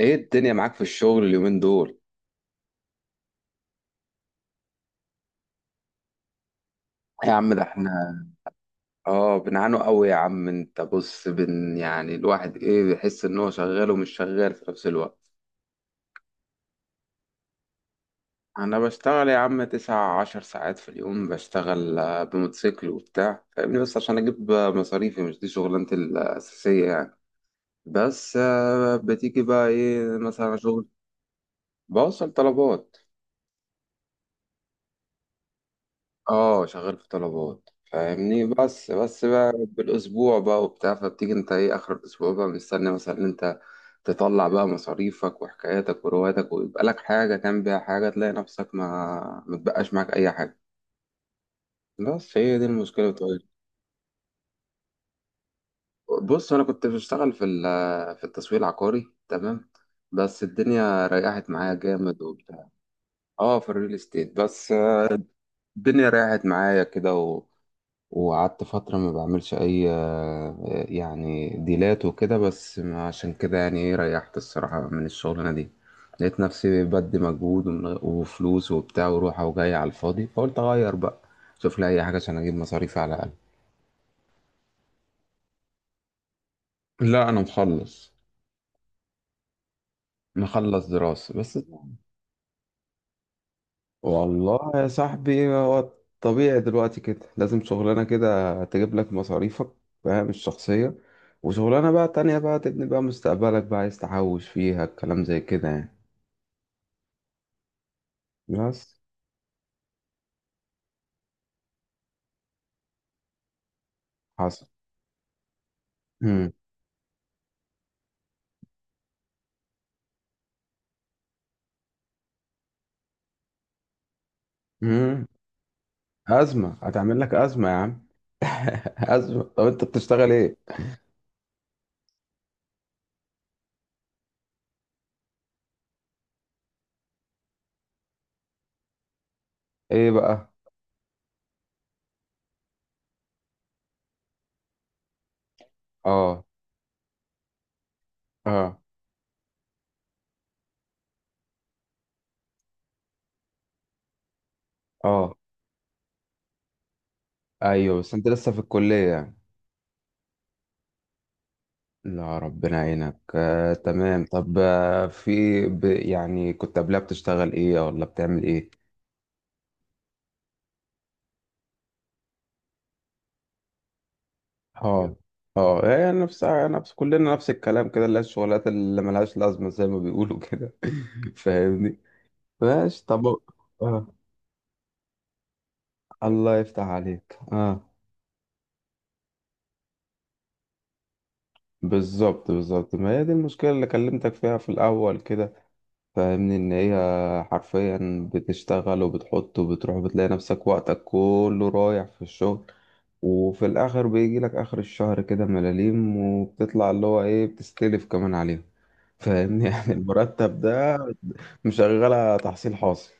ايه الدنيا معاك في الشغل اليومين دول؟ يا عم ده احنا اه بنعانوا قوي يا عم. انت بص يعني الواحد ايه بيحس ان هو شغال ومش شغال في نفس الوقت. انا بشتغل يا عم 19 ساعات في اليوم، بشتغل بموتوسيكل وبتاع فاهمني، بس عشان اجيب مصاريفي. مش دي شغلانتي الاساسية يعني. بس بتيجي بقى ايه مثلا شغل. بوصل طلبات. اه شغال في طلبات فاهمني، بس بقى بالاسبوع بقى وبتاع. فبتيجي انت ايه اخر الاسبوع بقى مستني مثلا ان انت تطلع بقى مصاريفك وحكاياتك ورواياتك، ويبقى لك حاجه كان بيها حاجه، تلاقي نفسك ما متبقاش معاك اي حاجه. بس هي دي المشكله بتاعتي. بص انا كنت بشتغل في التسويق العقاري، تمام. بس الدنيا ريحت معايا جامد وبتاع. اه في الريل استيت بس. الدنيا ريحت معايا كده، وقعدت فترة ما بعملش أي يعني ديلات وكده. بس عشان كده يعني إيه ريحت الصراحة من الشغلانة دي. لقيت نفسي بدي مجهود وفلوس وبتاع وروحة وجاية على الفاضي، فقلت أغير بقى. شوف لي أي حاجة عشان أجيب مصاريفي على الأقل. لا أنا مخلص. مخلص دراسة بس. والله يا صاحبي هو طبيعي دلوقتي كده، لازم شغلانة كده تجيب لك مصاريفك فاهم الشخصية، وشغلانة بقى تانية بقى تبني بقى مستقبلك بقى عايز تحوش فيها الكلام زي كده يعني. بس. حصل. مم. مم. أزمة، هتعمل لك أزمة يا عم. أزمة. طب أنت بتشتغل إيه؟ إيه بقى؟ آه. آه. آه. أيوه. بس أنت لسه في الكلية يعني. لا ربنا يعينك تمام. طب في يعني كنت قبلها بتشتغل ايه ولا بتعمل ايه؟ اه. اه هي نفسها، نفس كلنا، نفس الكلام كده، اللي هي الشغلات اللي ملهاش لازمة زي ما بيقولوا كده. فاهمني. ماشي طب. اه. الله يفتح عليك اه. بالظبط بالظبط، ما هي دي المشكلة اللي كلمتك فيها في الأول كده. فاهمني إن هي حرفيا بتشتغل وبتحط وبتروح، وبتلاقي نفسك وقتك كله رايح في الشغل، وفي الآخر بيجي لك آخر الشهر كده ملاليم، وبتطلع اللي هو إيه بتستلف كمان عليهم. فاهمني يعني المرتب ده مشغلة تحصيل حاصل.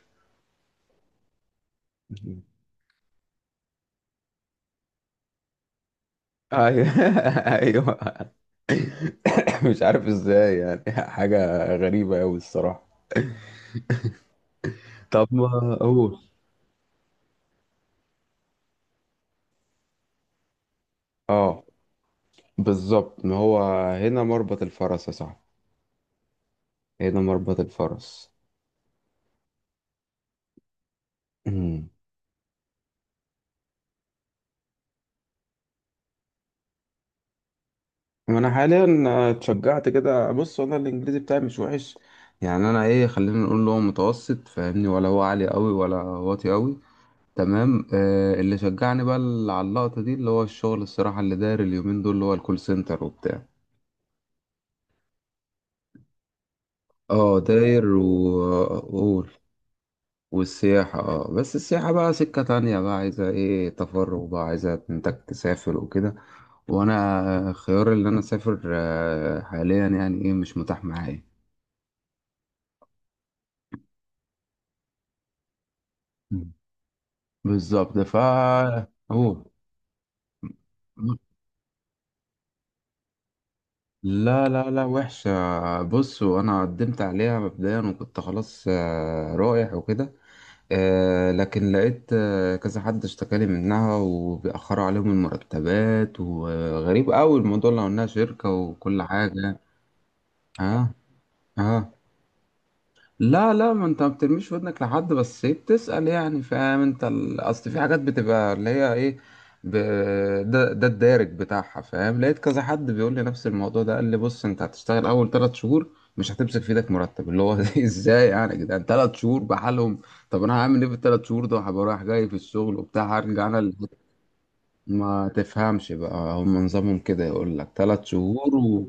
أيوه أيوه. مش عارف إزاي يعني، حاجة غريبة أوي الصراحة. طب ما أقول. أه بالظبط، ما هو هنا مربط الفرس يا صاحبي، هنا مربط الفرس. وانا حاليا اتشجعت كده. بص انا الانجليزي بتاعي مش وحش، يعني انا ايه، خلينا نقول له متوسط فاهمني، ولا هو عالي قوي ولا واطي قوي. تمام. آه اللي شجعني بقى على اللقطة دي، اللي هو الشغل الصراحة اللي داير اليومين دول، اللي هو الكول سنتر وبتاع. اه داير. وقول والسياحة. اه بس السياحة بقى سكة تانية بقى، عايزة ايه تفرغ بقى، عايزة انتك تسافر وكده. وانا خيار اللي انا اسافر حاليا يعني ايه مش متاح معايا. بالظبط. هو لا، وحشة. بص وأنا قدمت عليها مبدئيا وكنت خلاص رايح وكده. لكن لقيت كذا حد اشتكالي منها، وبيأخروا عليهم المرتبات، وغريب أوي الموضوع لو إنها شركة وكل حاجة. اه. اه لا لا، ما انت ما بترميش ودنك لحد، بس ايه بتسأل يعني فاهم. انت اصل في حاجات بتبقى اللي هي ايه ب... ده الدارج بتاعها فاهم. لقيت كذا حد بيقول لي نفس الموضوع ده، قال لي بص انت هتشتغل اول 3 شهور مش هتمسك في ايدك مرتب اللي هو. ازاي يعني يا جدعان؟ 3 شهور بحالهم! طب انا هعمل ايه في الـ3 شهور دول؟ هبقى رايح جاي في الشغل وبتاع، هرجع انا ما تفهمش بقى، هم نظامهم كده يقول لك 3 شهور.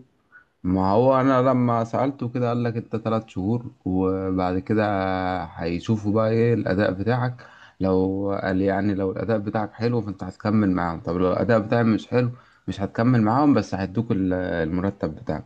ما هو انا لما سألته كده قال لك انت 3 شهور وبعد كده هيشوفوا بقى ايه الاداء بتاعك. لو قال يعني لو الاداء بتاعك حلو فانت هتكمل معاهم، طب لو الاداء بتاعي مش حلو مش هتكمل معاهم بس هيدوك المرتب بتاعك.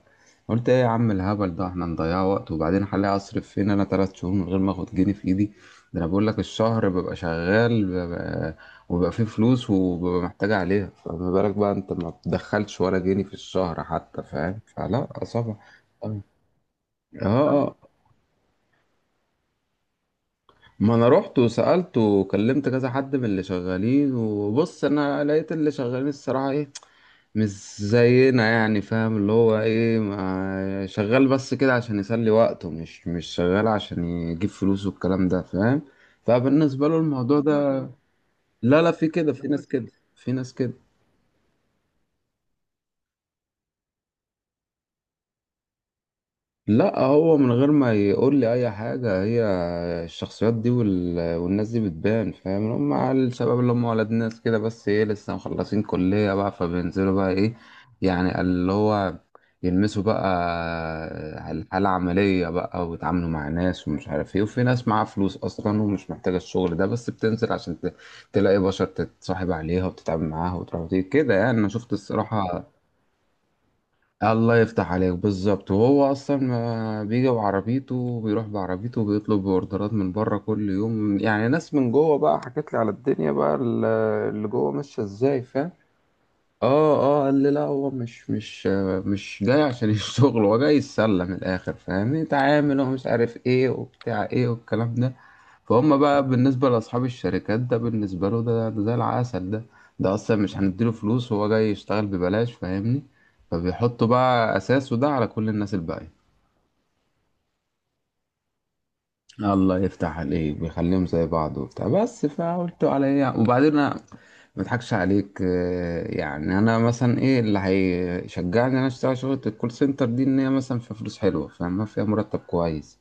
قلت ايه يا عم الهبل ده، احنا نضيع وقت، وبعدين هلاقي اصرف فين انا ثلاث شهور من غير ما اخد جنيه في ايدي؟ ده انا بقول لك الشهر ببقى شغال وبيبقى فيه فلوس وببقى محتاج عليها، فما بالك بقى انت ما بتدخلش ولا جنيه في الشهر حتى فاهم؟ فلا صعبة. اه. اه ما انا رحت وسألت وكلمت كذا حد من اللي شغالين. وبص انا لقيت اللي شغالين الصراحة ايه، مش زينا يعني فاهم، اللي هو ايه ما شغال بس كده عشان يسلي وقته، مش شغال عشان يجيب فلوس والكلام ده فاهم. فبالنسبة له الموضوع ده لا لا، في كده، في ناس كده، في ناس كده. لا هو من غير ما يقول لي اي حاجه، هي الشخصيات دي والناس دي بتبان فاهم. هم على الشباب اللي هم ولاد ناس كده، بس ايه لسه مخلصين كليه بقى، فبينزلوا بقى ايه يعني اللي هو يلمسوا بقى الحاله العمليه بقى، ويتعاملوا مع ناس ومش عارف ايه. وفي ناس معاها فلوس اصلا ومش محتاجه الشغل ده، بس بتنزل عشان تلاقي بشر تتصاحب عليها وتتعامل معاها وتروح وتيجي كده يعني. انا شفت الصراحه. الله يفتح عليك بالظبط. وهو اصلا ما بيجي بعربيته وبيروح بعربيته، وبيطلب اوردرات من بره كل يوم يعني. ناس من جوه بقى حكت لي على الدنيا بقى اللي جوه ماشيه ازاي فاهم. اه. اه قال لي لا هو مش مش جاي عشان الشغل، هو جاي يتسلى من الاخر فاهمني، تعامل ومش عارف ايه وبتاع ايه والكلام ده. فهم بقى بالنسبه لاصحاب الشركات ده، بالنسبه له ده زي العسل ده. ده اصلا مش هنديله فلوس، هو جاي يشتغل ببلاش فاهمني. فبيحطوا بقى اساسه ده على كل الناس الباقيه. الله يفتح عليك، بيخليهم زي بعض وبتاع. بس فقلت على ايه وبعدين انا ما اضحكش عليك يعني انا مثلا ايه اللي هيشجعني ان انا اشتغل شغلة الكول سنتر دي، ان هي مثلا فيها فلوس حلوة فاهمة، فيها مرتب كويس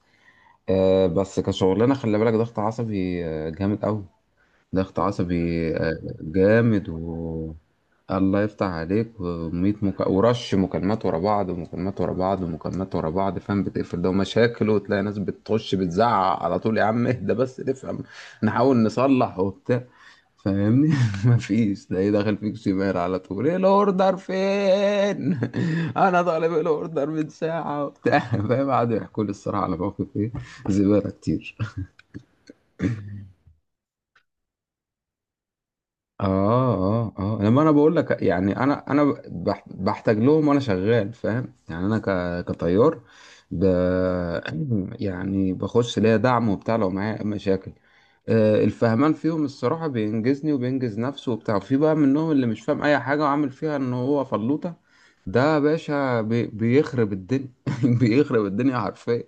بس كشغلانة خلي بالك ضغط عصبي جامد قوي. ضغط عصبي جامد. و الله يفتح عليك. ورش مكالمات ورا بعض، ومكالمات ورا بعض، ومكالمات ورا بعض فاهم. بتقفل ده ومشاكل، وتلاقي ناس بتخش بتزعق على طول، يا عم اهدى بس نفهم نحاول نصلح وبتاع. فاهمني. مفيش. تلاقيه داخل فيك شمال على طول، ايه الاوردر فين؟ انا طالب الاوردر من ساعه وبتاع فاهم. قعدوا يحكوا لي الصراحه على موقف ايه، زباله كتير. اه. اه اه لما انا بقول لك، يعني انا بحتاج لهم وانا شغال فاهم. يعني انا كطيار ب يعني بخش ليا دعم وبتاع لو معايا مشاكل. الفهمان فيهم الصراحة بينجزني وبينجز نفسه وبتاع. في بقى منهم اللي مش فاهم أي حاجة، وعامل فيها إن هو فلوطة. ده يا باشا بيخرب الدنيا بيخرب الدنيا حرفيا.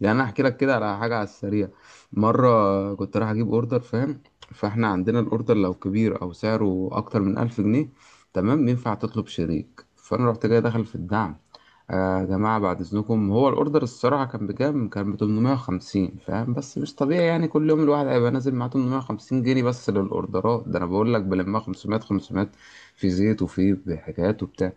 يعني أنا أحكي لك كده على حاجة على السريع. مرة كنت رايح أجيب أوردر فاهم. فاحنا عندنا الاوردر لو كبير او سعره اكتر من 1000 جنيه تمام، ينفع تطلب شريك. فانا رحت جاي داخل في الدعم، آه يا جماعه بعد اذنكم، هو الاوردر الصراحه كان بكام، كان ب 850 فاهم. بس مش طبيعي يعني كل يوم الواحد هيبقى نازل معاه 850 جنيه بس للاوردرات، ده انا بقول لك بلمها 500 500 في زيت وفي حكايات وبتاع.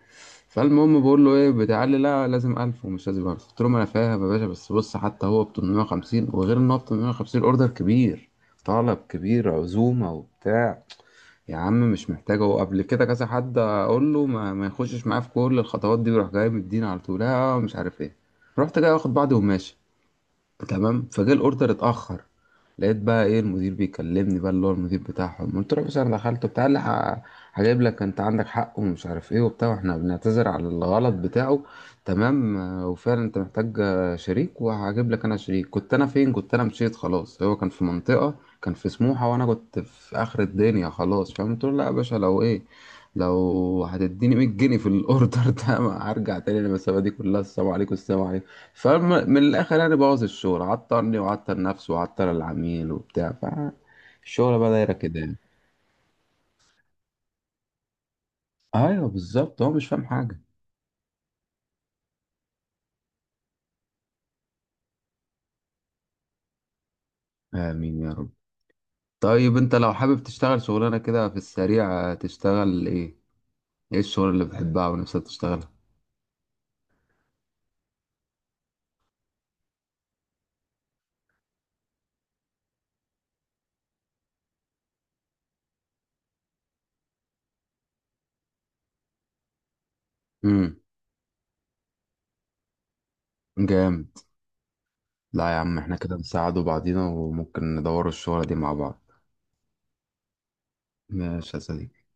فالمهم بقول له ايه بتاع، قال لي لا لازم 1000. ومش لازم 1000، قلت له ما انا فاهم يا باشا. بس بص حتى هو ب 850، وغير ان هو ب 850 اوردر كبير، طلب كبير عزومة وبتاع. يا عم مش محتاجة. هو قبل كده كذا حد أقول له ما يخشش معايا في كل الخطوات دي ويروح جاي مديني على طول لا مش عارف إيه. رحت جاي واخد بعضي وماشي، تمام. فجه الاوردر اتاخر، لقيت بقى ايه المدير بيكلمني بقى اللي هو المدير بتاعهم. قلت له بس انا دخلت بتاع اللي هجيب لك انت عندك حق ومش عارف ايه وبتاع، واحنا بنعتذر على الغلط بتاعه. تمام وفعلا انت محتاج شريك، وهجيب لك انا شريك. كنت انا فين؟ كنت انا مشيت خلاص. هو كان في منطقة، كان في سموحة، وانا كنت في اخر الدنيا خلاص فاهم. قلت له لا يا باشا، لو ايه لو هتديني 100 جنيه في الاوردر ده ما هرجع تاني للمسافة دي كلها. السلام عليكم، السلام عليكم. فمن الآخر يعني بوظ الشغل، عطرني وعطر نفسه وعطر العميل وبتاع. فالشغل بقى دايرة كده يعني. أيوه بالظبط، هو مش فاهم حاجة. آمين يا رب. طيب أنت لو حابب تشتغل شغلانة كده في السريع تشتغل إيه؟ إيه الشغل اللي بتحبها ونفسك تشتغلها؟ امم. جامد. لا يا عم إحنا كده نساعد بعضينا، وممكن ندور الشغلة دي مع بعض. ماشي يا صديقي.